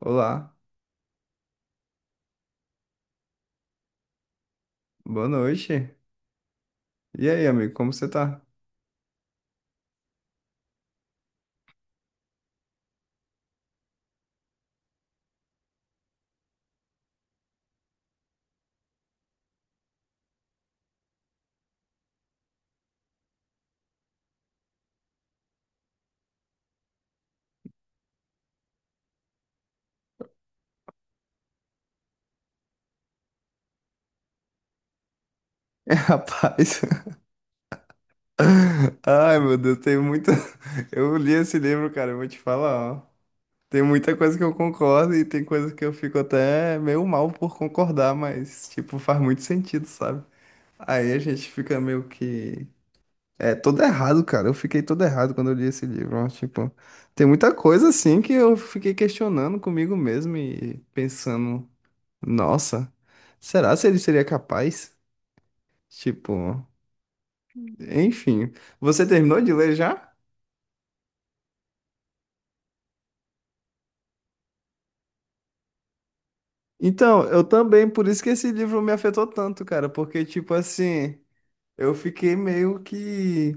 Olá, boa noite. E aí, amigo, como você tá? Rapaz, ai meu Deus, tem muita. Eu li esse livro, cara, eu vou te falar, ó. Tem muita coisa que eu concordo e tem coisa que eu fico até meio mal por concordar, mas, tipo, faz muito sentido, sabe? Aí a gente fica meio que. É, todo errado, cara. Eu fiquei todo errado quando eu li esse livro, ó. Tipo, tem muita coisa, assim, que eu fiquei questionando comigo mesmo e pensando, nossa, será se ele seria capaz? Tipo, enfim. Você terminou de ler já? Então, eu também, por isso que esse livro me afetou tanto, cara, porque, tipo assim, eu fiquei meio que,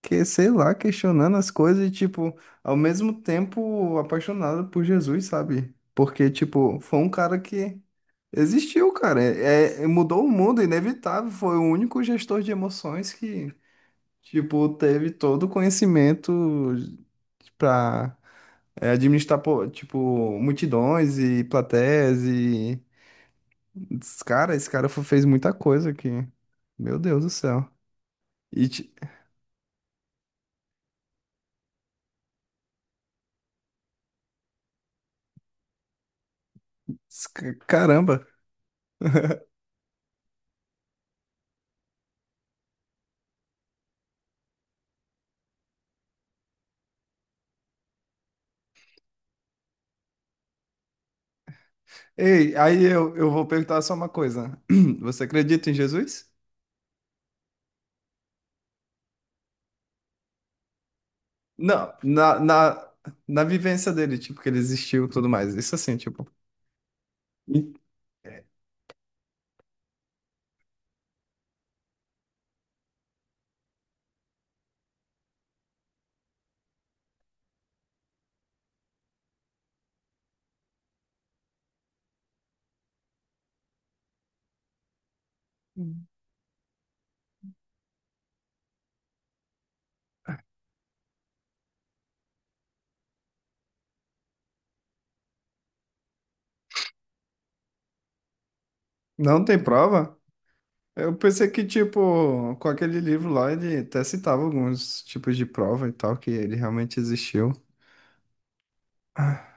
que, sei lá, questionando as coisas e, tipo, ao mesmo tempo apaixonado por Jesus, sabe? Porque, tipo, foi um cara que existiu, cara, mudou o mundo, inevitável, foi o único gestor de emoções que, tipo, teve todo o conhecimento pra. É, administrar, pô, tipo, multidões e plateias e... Cara, esse cara fez muita coisa aqui. Meu Deus do céu. E, ti- Caramba. Ei, aí eu vou perguntar só uma coisa. Você acredita em Jesus? Não, na vivência dele, tipo, que ele existiu e tudo mais. Isso assim, tipo... E não tem prova? Eu pensei que, tipo, com aquele livro lá, ele até citava alguns tipos de prova e tal, que ele realmente existiu. Ah.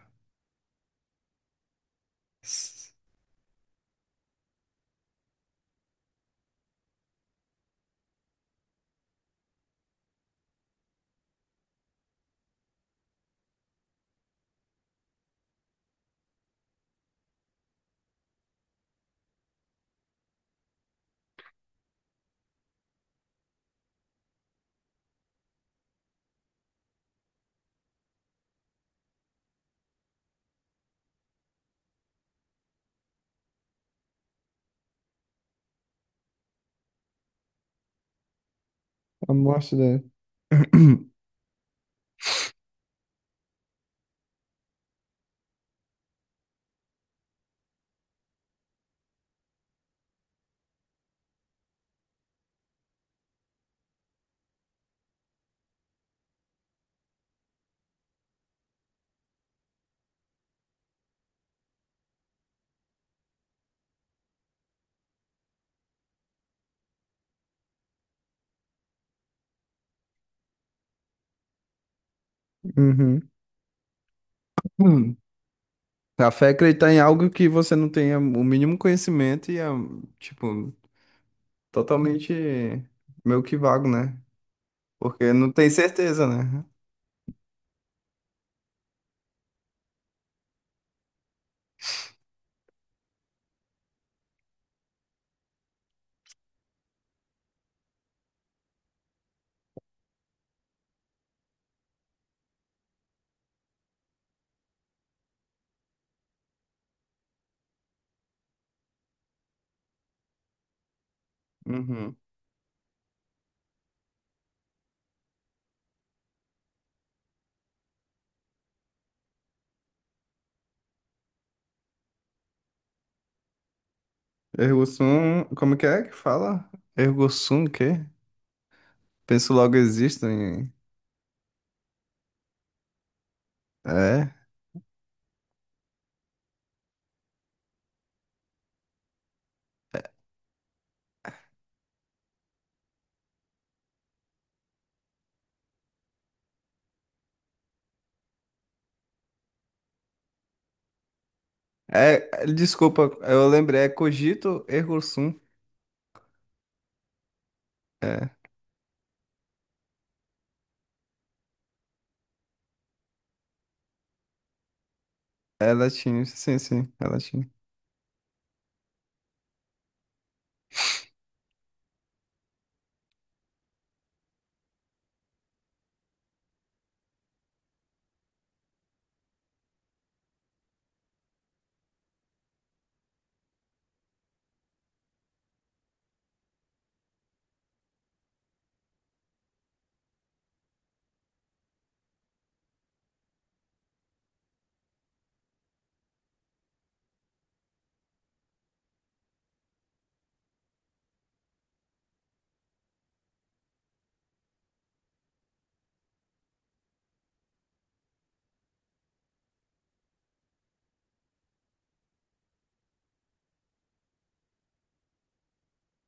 A morte dela. Uhum. Hum. A fé é acreditar em algo que você não tenha o mínimo conhecimento e é, tipo, totalmente meio que vago, né? Porque não tem certeza, né? Uhum. Ergo sum, como que é que fala? Ergo sum, o quê? Penso logo existo em... É. É, é, desculpa, eu lembrei, é cogito ergo sum. É, é latim, sim, sim, é latim.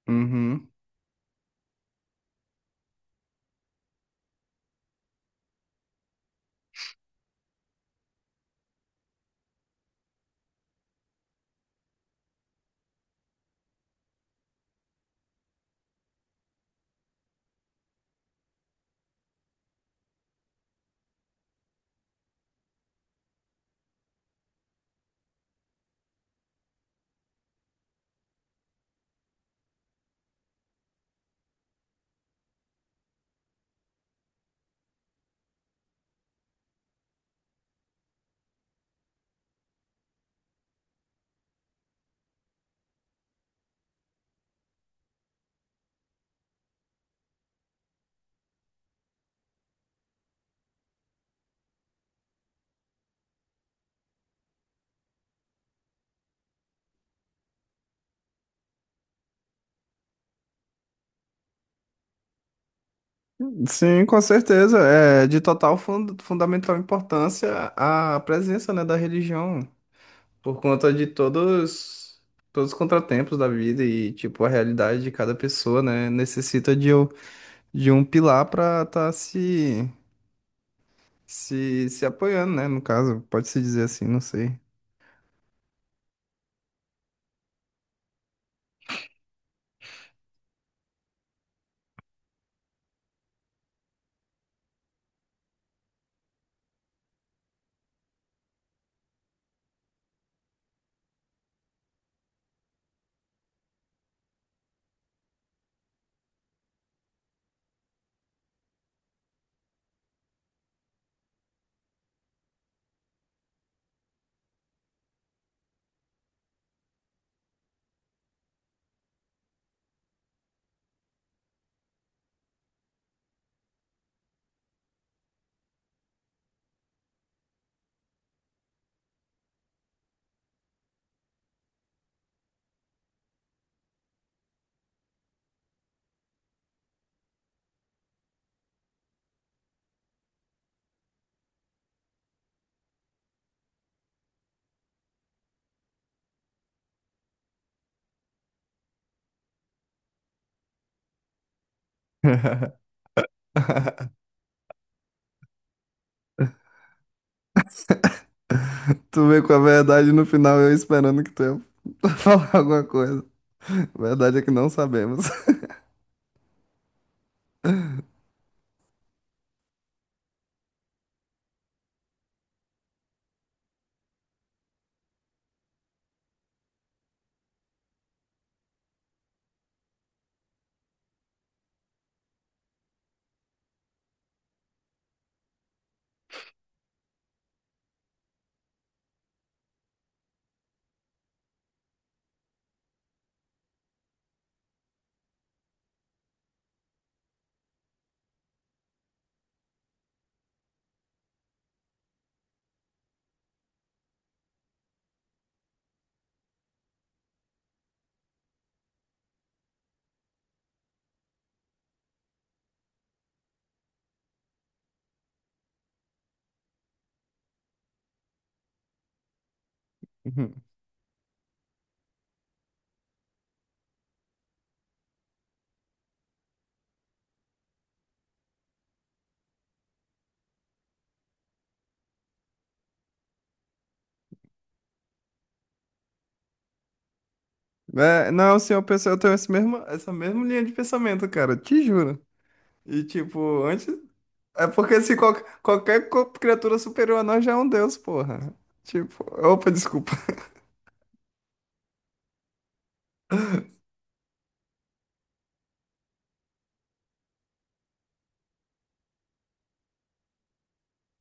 Uhum. Sim, com certeza. É de total fundamental importância a presença, né, da religião, por conta de todos, todos os contratempos da vida e, tipo, a realidade de cada pessoa, né, necessita de um pilar para estar se, se apoiando, né, no caso, pode-se dizer assim, não sei. Tu vê com a verdade no final, eu esperando que tu ia falar alguma coisa. A verdade é que não sabemos. É, não, sim, eu penso, eu tenho esse mesmo, essa mesma linha de pensamento, cara, te juro. E tipo, antes. É porque se qualquer criatura superior a nós já é um deus, porra. Tipo, opa, desculpa.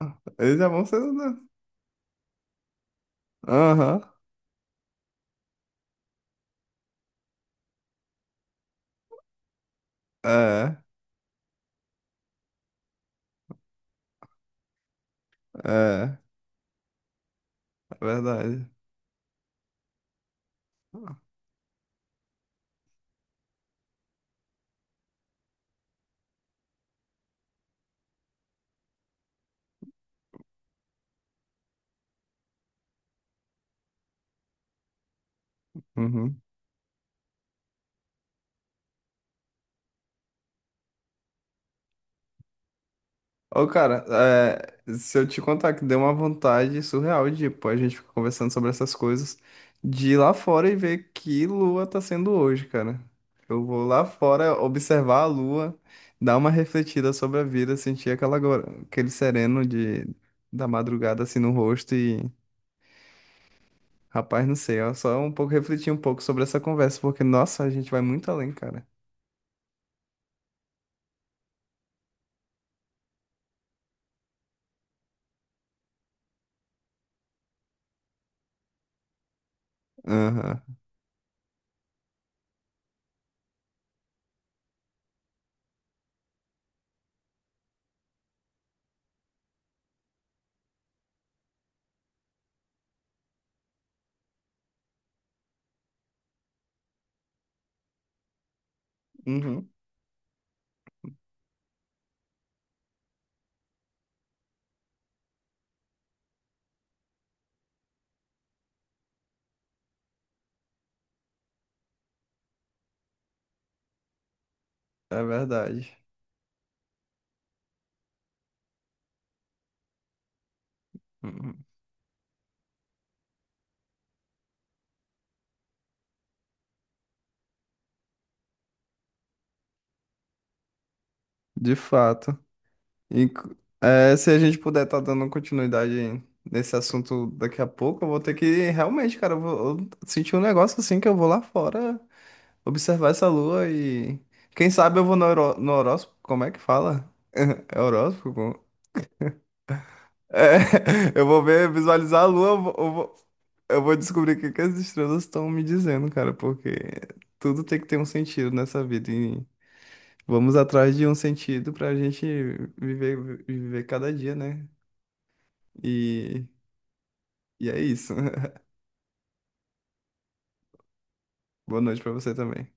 Eles já vão ser um deus. Aham. É, é, é verdade. Uhum. Ô, cara, é, se eu te contar que deu uma vontade surreal de, pô, a gente fica conversando sobre essas coisas, de ir lá fora e ver que lua tá sendo hoje, cara. Eu vou lá fora observar a lua, dar uma refletida sobre a vida, sentir aquela, aquele sereno de, da madrugada assim no rosto e, rapaz, não sei, ó, só um pouco refletir um pouco sobre essa conversa, porque, nossa, a gente vai muito além, cara. Aham. Uhum. É verdade. Uhum. De fato. Inc- É, se a gente puder estar dando continuidade nesse assunto daqui a pouco, eu vou ter que realmente, cara, eu senti um negócio assim que eu vou lá fora observar essa lua e quem sabe eu vou no, no horóscopo, como é que fala? É horóscopo? É, eu vou ver, visualizar a lua, eu vou descobrir o que que as estrelas estão me dizendo, cara, porque tudo tem que ter um sentido nessa vida e vamos atrás de um sentido pra gente viver cada dia, né? E E é isso. Boa noite pra você também.